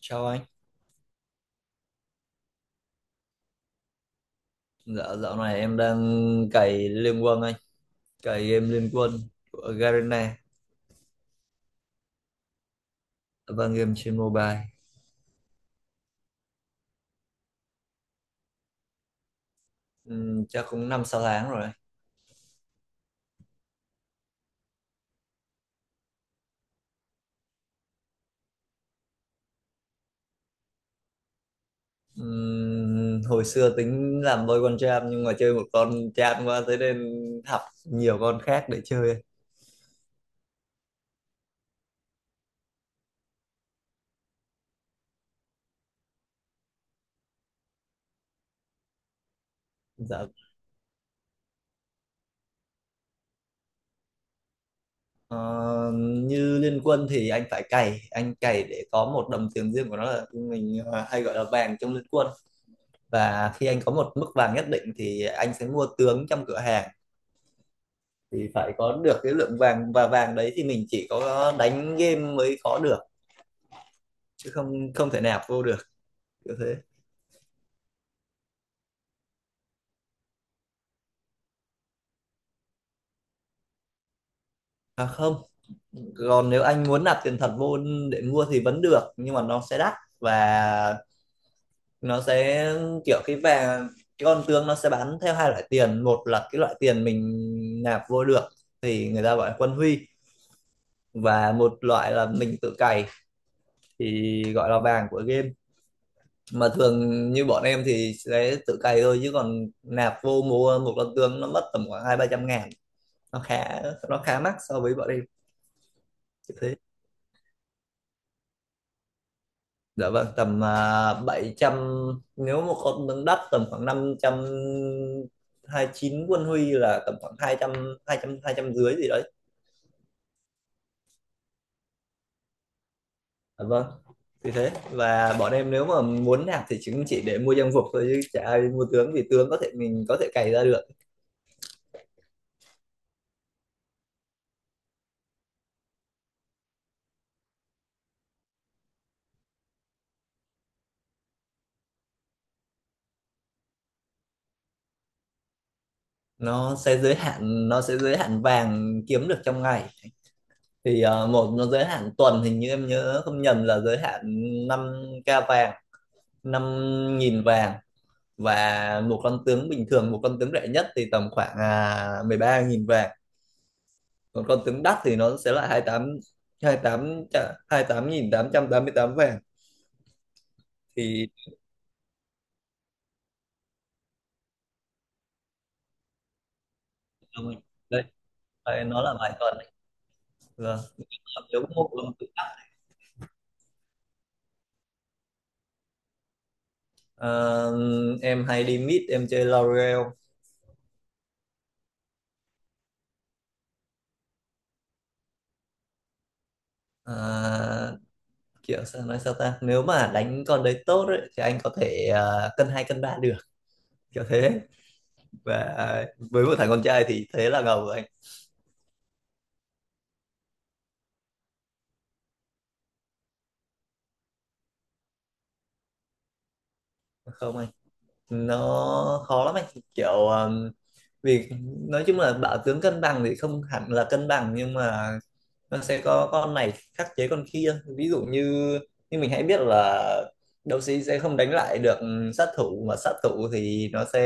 Chào anh. Dạ, dạo này em đang cày Liên Quân anh, cày game Liên Quân của Garena và game trên mobile. Chắc cũng năm sáu tháng rồi. Hồi xưa tính làm Boy One Jam nhưng mà chơi một con chán quá thế nên học nhiều con khác để chơi. Dạ. Ờ, Như Liên Quân thì anh phải cày, anh cày để có một đồng tiền riêng của nó là mình, hay gọi là vàng trong Liên Quân. Và khi anh có một mức vàng nhất định thì anh sẽ mua tướng trong cửa hàng, thì phải có được cái lượng vàng, và vàng đấy thì mình chỉ có đánh game mới có được chứ không không thể nạp vô được như thế. À không, còn nếu anh muốn nạp tiền thật vô để mua thì vẫn được, nhưng mà nó sẽ đắt và nó sẽ kiểu cái vàng. Cái con tương nó sẽ bán theo hai loại tiền: một là cái loại tiền mình nạp vô được thì người ta gọi là quân huy, và một loại là mình tự cày thì gọi là vàng của game. Mà thường như bọn em thì sẽ tự cày thôi, chứ còn nạp vô mua một con tương nó mất tầm khoảng hai ba trăm ngàn, nó khá nó khá mắc so với bọn em. Như thế. Dạ vâng, tầm 700. Nếu một con tương đắt tầm khoảng 500 chín quân huy là tầm khoảng hai hai trăm, hai trăm, hai trăm dưới gì đấy. Dạ vâng, thì thế. Và bọn em nếu mà muốn nạp thì chúng chỉ để mua trang phục thôi, chứ chả ai mua tướng vì tướng có thể, mình có thể cày ra được. Nó sẽ giới hạn vàng kiếm được trong ngày, thì ờ, một nó giới hạn tuần, hình như em nhớ không nhầm là giới hạn năm k vàng 5.000 vàng. Và một con tướng rẻ nhất thì tầm khoảng 13.000 vàng, còn con tướng đắt thì nó sẽ là 28 mươi tám vàng. Thì đấy. Đấy, nó là vài tuần đấy. Vâng. Nếu có một con tướng đắt, ờ, em hay đi mid, em chơi Laurel. Ờ, Kiểu sao nói sao ta, nếu mà đánh con đấy tốt ấy, thì anh có thể cân hai cân ba được, kiểu thế. Và với một thằng con trai thì thế là ngầu rồi anh. Không anh, nó khó lắm anh, kiểu vì nói chung là bảo tướng cân bằng thì không hẳn là cân bằng, nhưng mà nó sẽ có con này khắc chế con kia. Ví dụ như như mình hãy biết là đấu sĩ sẽ không đánh lại được sát thủ, mà sát thủ thì nó sẽ,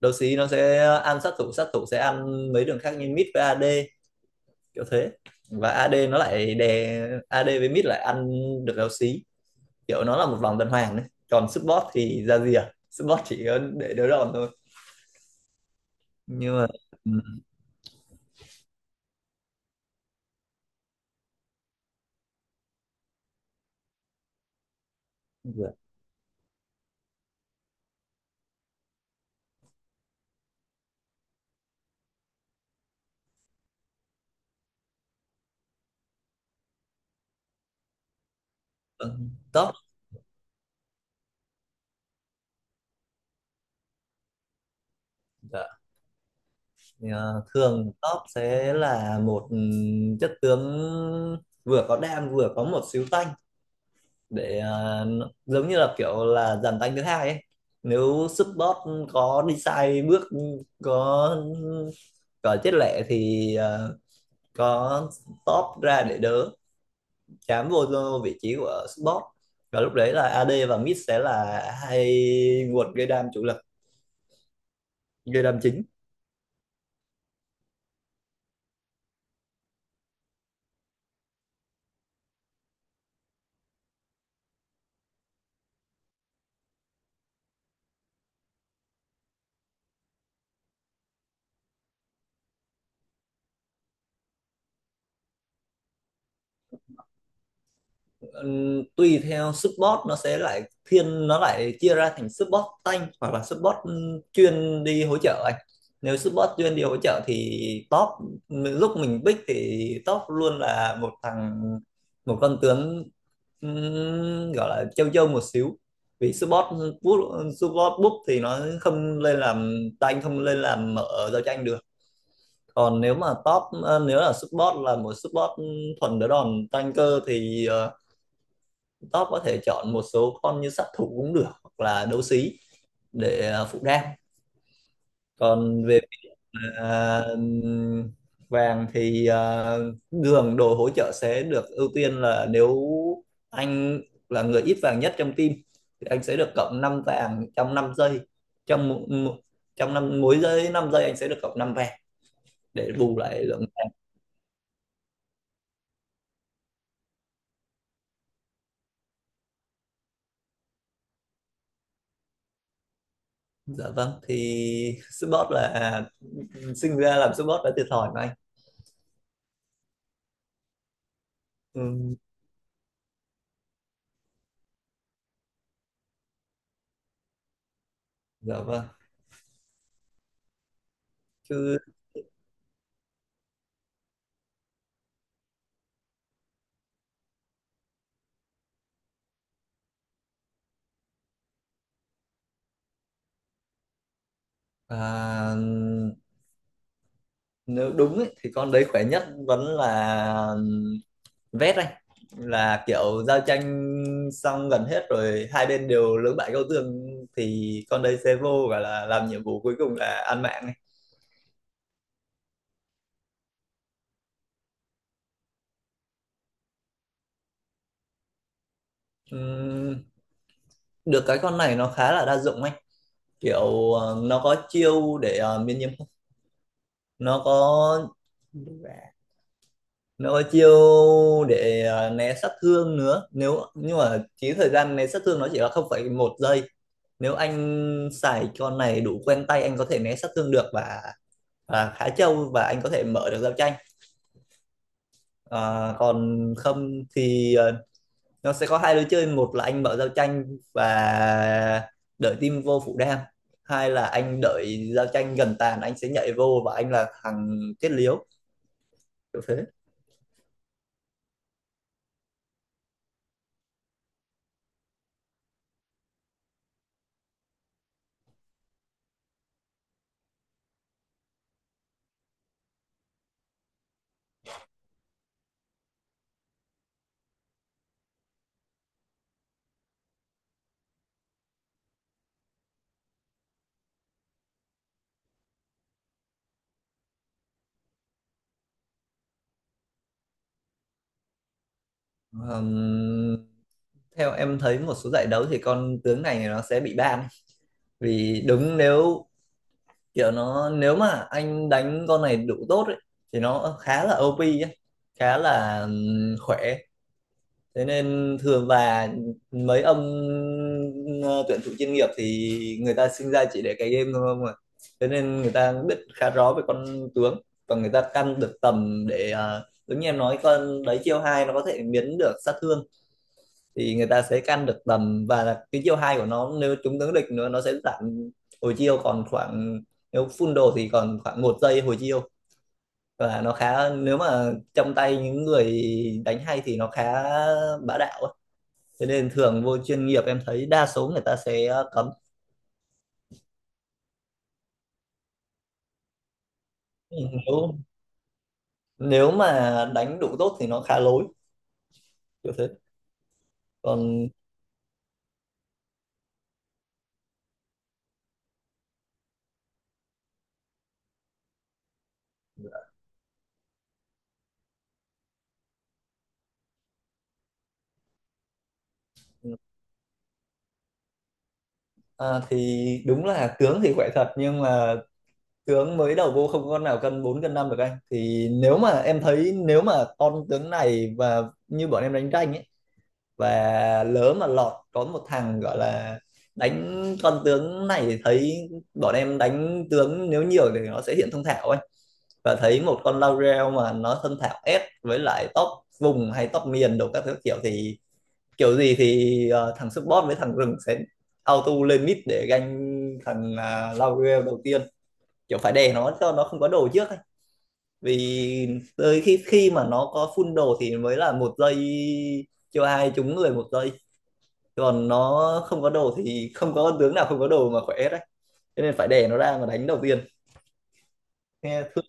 đấu sĩ nó sẽ ăn sát thủ, sát thủ sẽ ăn mấy đường khác như mid với AD, kiểu thế. Và AD nó lại đè, AD với mid lại ăn được éo xí, kiểu nó là một vòng tuần hoàn đấy. Còn support thì ra gì, à support chỉ có để đỡ đòn thôi. Nhưng mà, ừ, dạ, ừ, top. Dạ. Thì, thường top sẽ là một, chất tướng vừa có đam vừa có một xíu tanh để, giống như là kiểu là dàn tanh thứ hai ấy. Nếu support có đi sai bước, có có chết lẹ thì có top ra để đỡ, chám vô vị trí của support, và lúc đấy là AD và mid sẽ là hai nguồn gây đam chủ lực, gây đam chính. Tùy theo support, nó sẽ lại thiên, nó lại chia ra thành support tank hoặc là support chuyên đi hỗ trợ anh. Nếu support chuyên đi hỗ trợ thì top, lúc mình pick thì top luôn là một con tướng, gọi là châu châu một xíu, vì support búp thì nó không lên làm tank, không lên làm mở giao tranh được. Còn nếu mà nếu là một support thuần đỡ đòn tanker thì, top có thể chọn một số con như sát thủ cũng được, hoặc là đấu sĩ để phụ đam. Còn về à, vàng thì đường đồ hỗ trợ sẽ được ưu tiên là nếu anh là người ít vàng nhất trong team thì anh sẽ được cộng 5 vàng trong 5 giây, trong một- trong năm, mỗi giây 5 giây anh sẽ được cộng 5 vàng để bù lại lượng vàng. Dạ vâng, thì support là, sinh ra làm support đã thiệt thòi mà anh. Ừ, dạ vâng, chứ. À, nếu đúng ấy, thì con đấy khỏe nhất vẫn là vét anh, là kiểu giao tranh xong gần hết rồi, hai bên đều lưỡng bại câu thương thì con đấy sẽ vô và là làm nhiệm vụ cuối cùng là ăn mạng ấy. Ừm, Được cái con này nó khá là đa dụng anh, kiểu nó có chiêu để miễn nhiễm, nó có nó có chiêu để né sát thương nữa. Nhưng mà chỉ thời gian né sát thương nó chỉ là 0,1 giây. Nếu anh xài con này đủ quen tay, anh có thể né sát thương được, và khá trâu, và anh có thể mở được giao tranh. Còn không thì nó sẽ có hai lối chơi: một là anh mở giao tranh và đợi team vô phủ đam, hai là anh đợi giao tranh gần tàn anh sẽ nhảy vô và anh là thằng kết liễu, kiểu thế. Ờm, Theo em thấy một số giải đấu thì con tướng này nó sẽ bị ban, vì đúng, nếu kiểu nó nếu mà anh đánh con này đủ tốt ấy, thì nó khá là OP ấy, khá là khỏe, thế nên thường, và mấy ông ờ, tuyển thủ chuyên nghiệp thì người ta sinh ra chỉ để cái game thôi không à, thế nên người ta biết khá rõ về con tướng và người ta căn được tầm để, giống như em nói, con đấy chiêu hai nó có thể biến được sát thương. Thì người ta sẽ căn được tầm, và cái chiều hai của nó nếu trúng tướng địch nữa, nó sẽ giảm hồi chiêu còn khoảng, nếu full đồ thì còn khoảng một giây hồi chiêu. Và nó khá, nếu mà trong tay những người đánh hay thì nó khá bá đạo ấy. Thế nên thường vô chuyên nghiệp em thấy đa số người ta sẽ cấm. Nếu nếu mà đánh đủ tốt thì nó khá lối, kiểu thế. Còn thì đúng là tướng thì khỏe thật, nhưng mà tướng mới đầu vô không con nào cân 4 cân 5 được anh, thì nếu mà em thấy, nếu mà con tướng này và như bọn em đánh tranh ấy, và lỡ mà lọt có một thằng gọi là đánh con tướng này, thì thấy bọn em đánh tướng nếu nhiều thì nó sẽ hiện thông thạo anh. Và thấy một con Laurel mà nó thân thạo S với lại top vùng hay top miền đồ các thứ, kiểu thì, kiểu gì thì thằng support với thằng rừng sẽ auto lên mid để ganh thằng Laurel đầu tiên, kiểu phải đè nó cho nó không có đồ trước ấy. Vì tới khi khi mà nó có full đồ thì mới là một giây, cho ai trúng người một giây. Còn nó không có đồ thì không có con tướng nào không có đồ mà khỏe đấy, cho nên phải đè nó ra mà đánh đầu tiên, nghe thương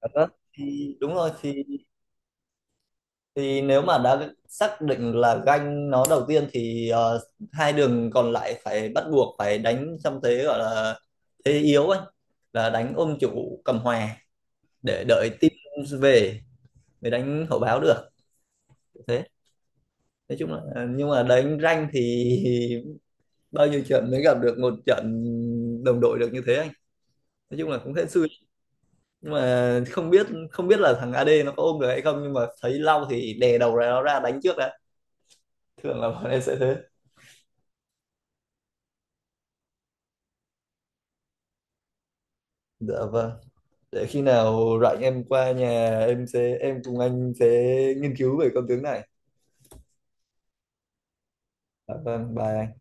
cảm giác. Thì đúng rồi. Thì nếu mà đã xác định là ganh nó đầu tiên thì hai đường còn lại phải bắt buộc phải đánh trong thế gọi là thế yếu ấy, là đánh ôm chủ cầm hòa để đợi team về mới đánh hậu báo được thế. Nói chung là nhưng mà đánh ranh thì bao nhiêu trận mới gặp được một trận đồng đội được như thế anh, nói chung là cũng hên xui. Nhưng mà không biết là thằng AD nó có ôm được hay không, nhưng mà thấy Lau thì đè đầu ra nó ra đánh trước đã. Thường là bọn em sẽ thế. Dạ vâng. Để khi nào rảnh em qua nhà, em sẽ em cùng anh sẽ nghiên cứu về con tướng này. Dạ vâng, bài.